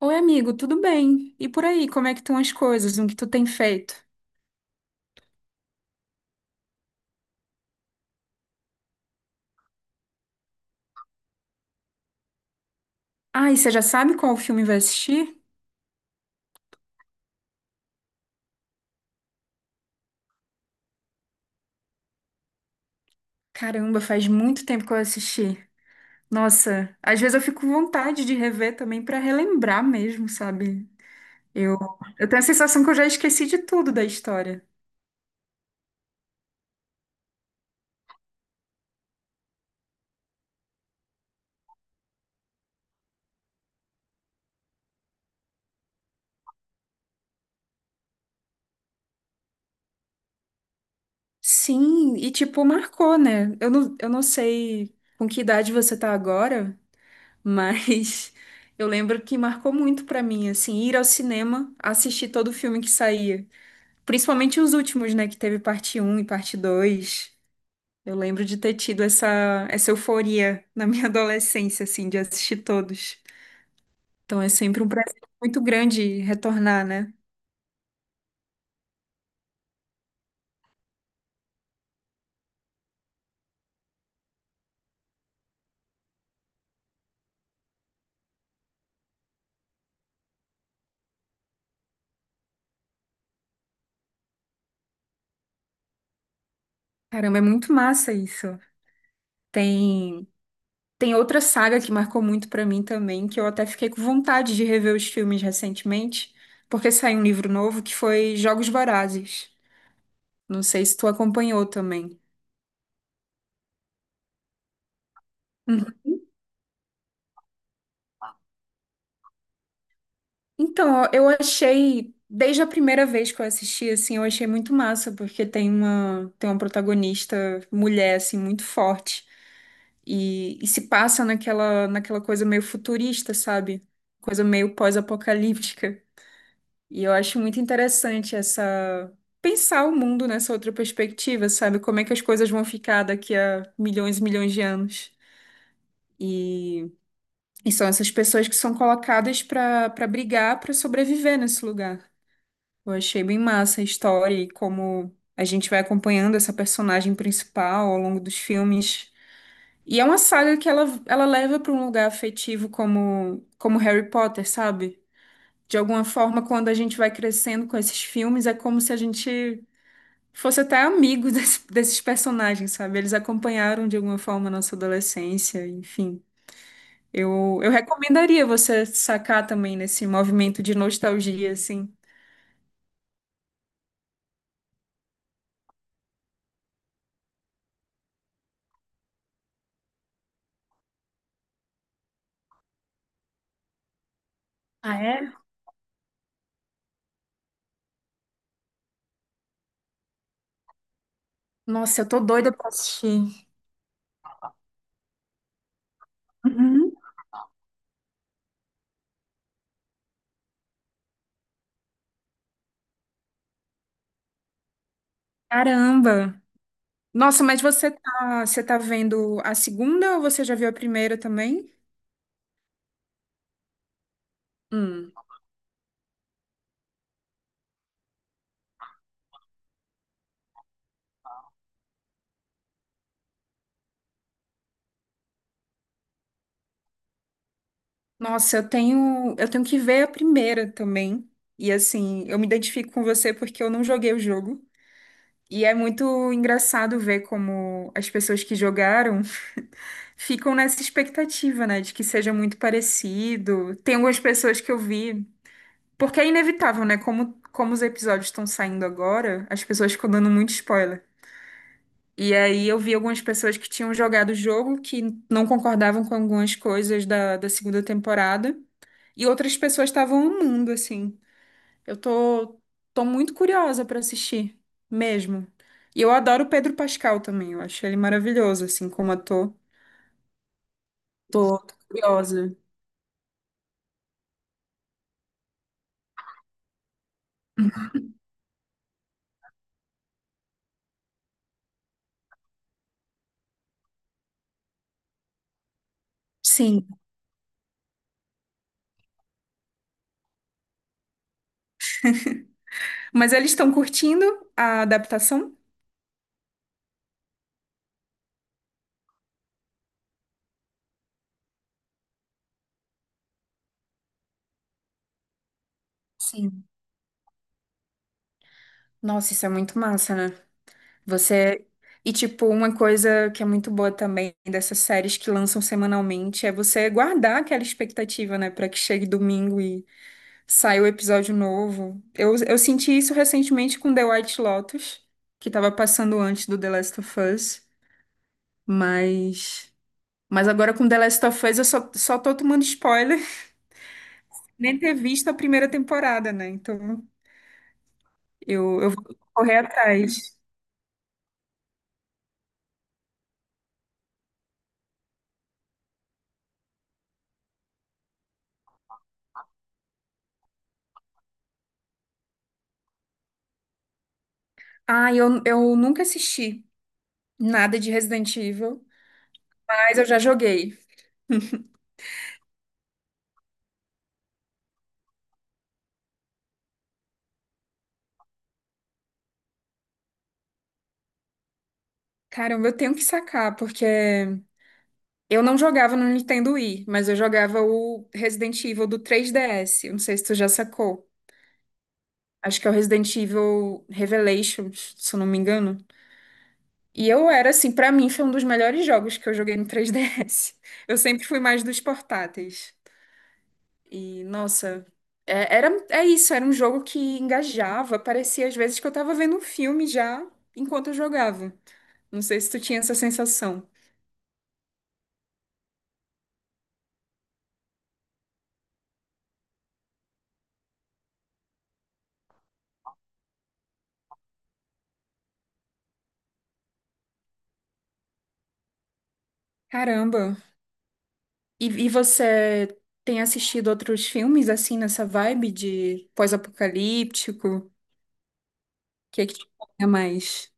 Oi, amigo, tudo bem? E por aí, como é que estão as coisas? O que tu tem feito? Ah, e você já sabe qual filme vai assistir? Caramba, faz muito tempo que eu assisti. Nossa, às vezes eu fico com vontade de rever também pra relembrar mesmo, sabe? Eu, eu tenho a sensação que eu já esqueci de tudo da história. Sim, e tipo, marcou, né? Eu não sei com que idade você tá agora, mas eu lembro que marcou muito pra mim, assim, ir ao cinema, assistir todo o filme que saía. Principalmente os últimos, né? Que teve parte um e parte 2. Eu lembro de ter tido essa euforia na minha adolescência, assim, de assistir todos. Então é sempre um prazer muito grande retornar, né? Caramba, é muito massa isso. Tem, tem outra saga que marcou muito pra mim também, que eu até fiquei com vontade de rever os filmes recentemente, porque saiu um livro novo que foi Jogos Vorazes. Não sei se tu acompanhou também. Então, eu achei, desde a primeira vez que eu assisti, assim, eu achei muito massa, porque tem uma protagonista mulher, assim, muito forte. E se passa naquela, naquela coisa meio futurista, sabe? Coisa meio pós-apocalíptica. E eu acho muito interessante essa pensar o mundo nessa outra perspectiva, sabe? Como é que as coisas vão ficar daqui a milhões e milhões de anos. E, e são essas pessoas que são colocadas para brigar, para sobreviver nesse lugar. Eu achei bem massa a história e como a gente vai acompanhando essa personagem principal ao longo dos filmes. E é uma saga que ela leva para um lugar afetivo como, como Harry Potter, sabe? De alguma forma, quando a gente vai crescendo com esses filmes, é como se a gente fosse até amigo desses personagens, sabe? Eles acompanharam de alguma forma a nossa adolescência, enfim. Eu recomendaria você sacar também nesse movimento de nostalgia, assim. Ah, é? Nossa, eu tô doida pra assistir. Uhum. Caramba! Nossa, mas você tá vendo a segunda ou você já viu a primeira também? Hum. Nossa, eu tenho que ver a primeira também. E assim, eu me identifico com você porque eu não joguei o jogo. E é muito engraçado ver como as pessoas que jogaram ficam nessa expectativa, né, de que seja muito parecido. Tem algumas pessoas que eu vi, porque é inevitável, né, como os episódios estão saindo agora, as pessoas ficam dando muito spoiler. E aí eu vi algumas pessoas que tinham jogado o jogo que não concordavam com algumas coisas da segunda temporada. E outras pessoas estavam amando, assim. Eu tô, tô muito curiosa pra assistir, mesmo. E eu adoro o Pedro Pascal também, eu acho ele maravilhoso, assim, como ator. Tô curiosa. Sim. Mas eles estão curtindo a adaptação? Sim. Nossa, isso é muito massa, né? Você. E, tipo, uma coisa que é muito boa também dessas séries que lançam semanalmente é você guardar aquela expectativa, né, pra que chegue domingo e saia o episódio novo. Eu senti isso recentemente com The White Lotus, que tava passando antes do The Last of Us, mas. Mas agora com The Last of Us eu só tô tomando spoiler, nem ter visto a primeira temporada, né? Então eu vou correr atrás. Ah, eu nunca assisti nada de Resident Evil. Mas eu já joguei. Caramba, eu tenho que sacar, porque eu não jogava no Nintendo Wii, mas eu jogava o Resident Evil do 3DS. Eu não sei se tu já sacou. Acho que é o Resident Evil Revelations, se eu não me engano. E eu era, assim, pra mim foi um dos melhores jogos que eu joguei no 3DS. Eu sempre fui mais dos portáteis. E, nossa, é isso, era um jogo que engajava. Parecia às vezes que eu tava vendo um filme já enquanto eu jogava. Não sei se tu tinha essa sensação. Caramba. E você tem assistido outros filmes assim nessa vibe de pós-apocalíptico? O que é que te pega mais?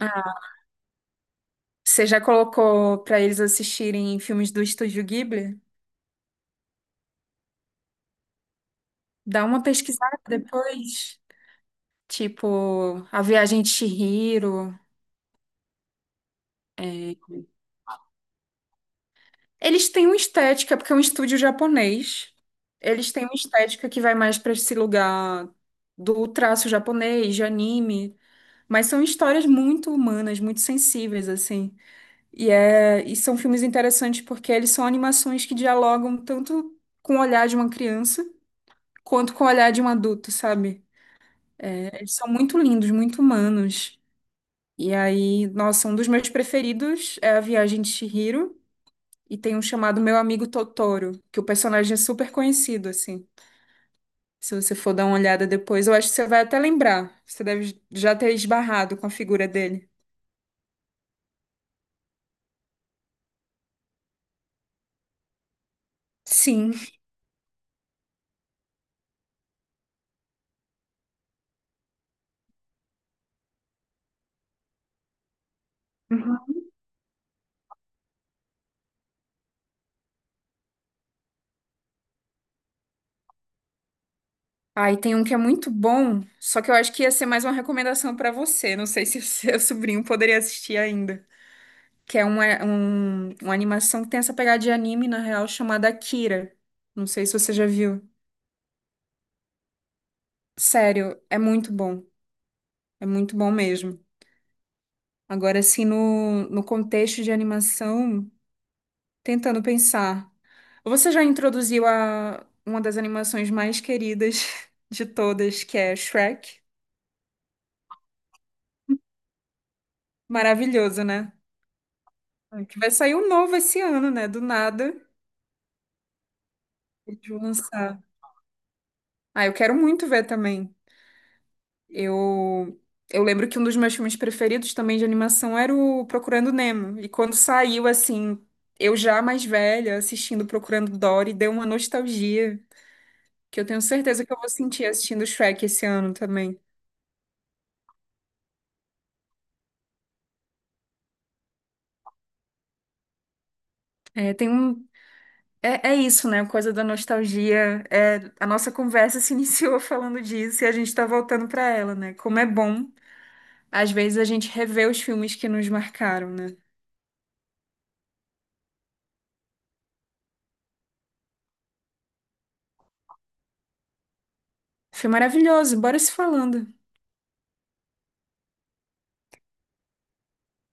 Ah, você já colocou pra eles assistirem filmes do Estúdio Ghibli? Dá uma pesquisada depois. Tipo, A Viagem de Chihiro. É. Eles têm uma estética, porque é um estúdio japonês. Eles têm uma estética que vai mais para esse lugar do traço japonês, de anime. Mas são histórias muito humanas, muito sensíveis, assim. E são filmes interessantes porque eles são animações que dialogam tanto com o olhar de uma criança quanto com o olhar de um adulto, sabe? É, eles são muito lindos, muito humanos. E aí, nossa, um dos meus preferidos é A Viagem de Chihiro e tem um chamado Meu Amigo Totoro, que o personagem é super conhecido, assim. Se você for dar uma olhada depois, eu acho que você vai até lembrar. Você deve já ter esbarrado com a figura dele. Sim. Aí tem um que é muito bom, só que eu acho que ia ser mais uma recomendação pra você. Não sei se o seu sobrinho poderia assistir ainda. Que é uma animação que tem essa pegada de anime, na real, chamada Akira. Não sei se você já viu. Sério, é muito bom. É muito bom mesmo. Agora, assim, no contexto de animação, tentando pensar. Você já introduziu uma das animações mais queridas de todas, que é Shrek? Maravilhoso, né? É, que vai sair um novo esse ano, né? Do nada. De lançar. Ah, eu quero muito ver também. Eu, eu lembro que um dos meus filmes preferidos também de animação era o Procurando Nemo. E quando saiu, assim, eu já mais velha, assistindo Procurando Dory, deu uma nostalgia que eu tenho certeza que eu vou sentir assistindo Shrek esse ano também. É, tem um. É, é isso, né? A coisa da nostalgia. É, a nossa conversa se iniciou falando disso e a gente tá voltando pra ela, né? Como é bom. Às vezes a gente revê os filmes que nos marcaram, né? Foi maravilhoso, bora se falando.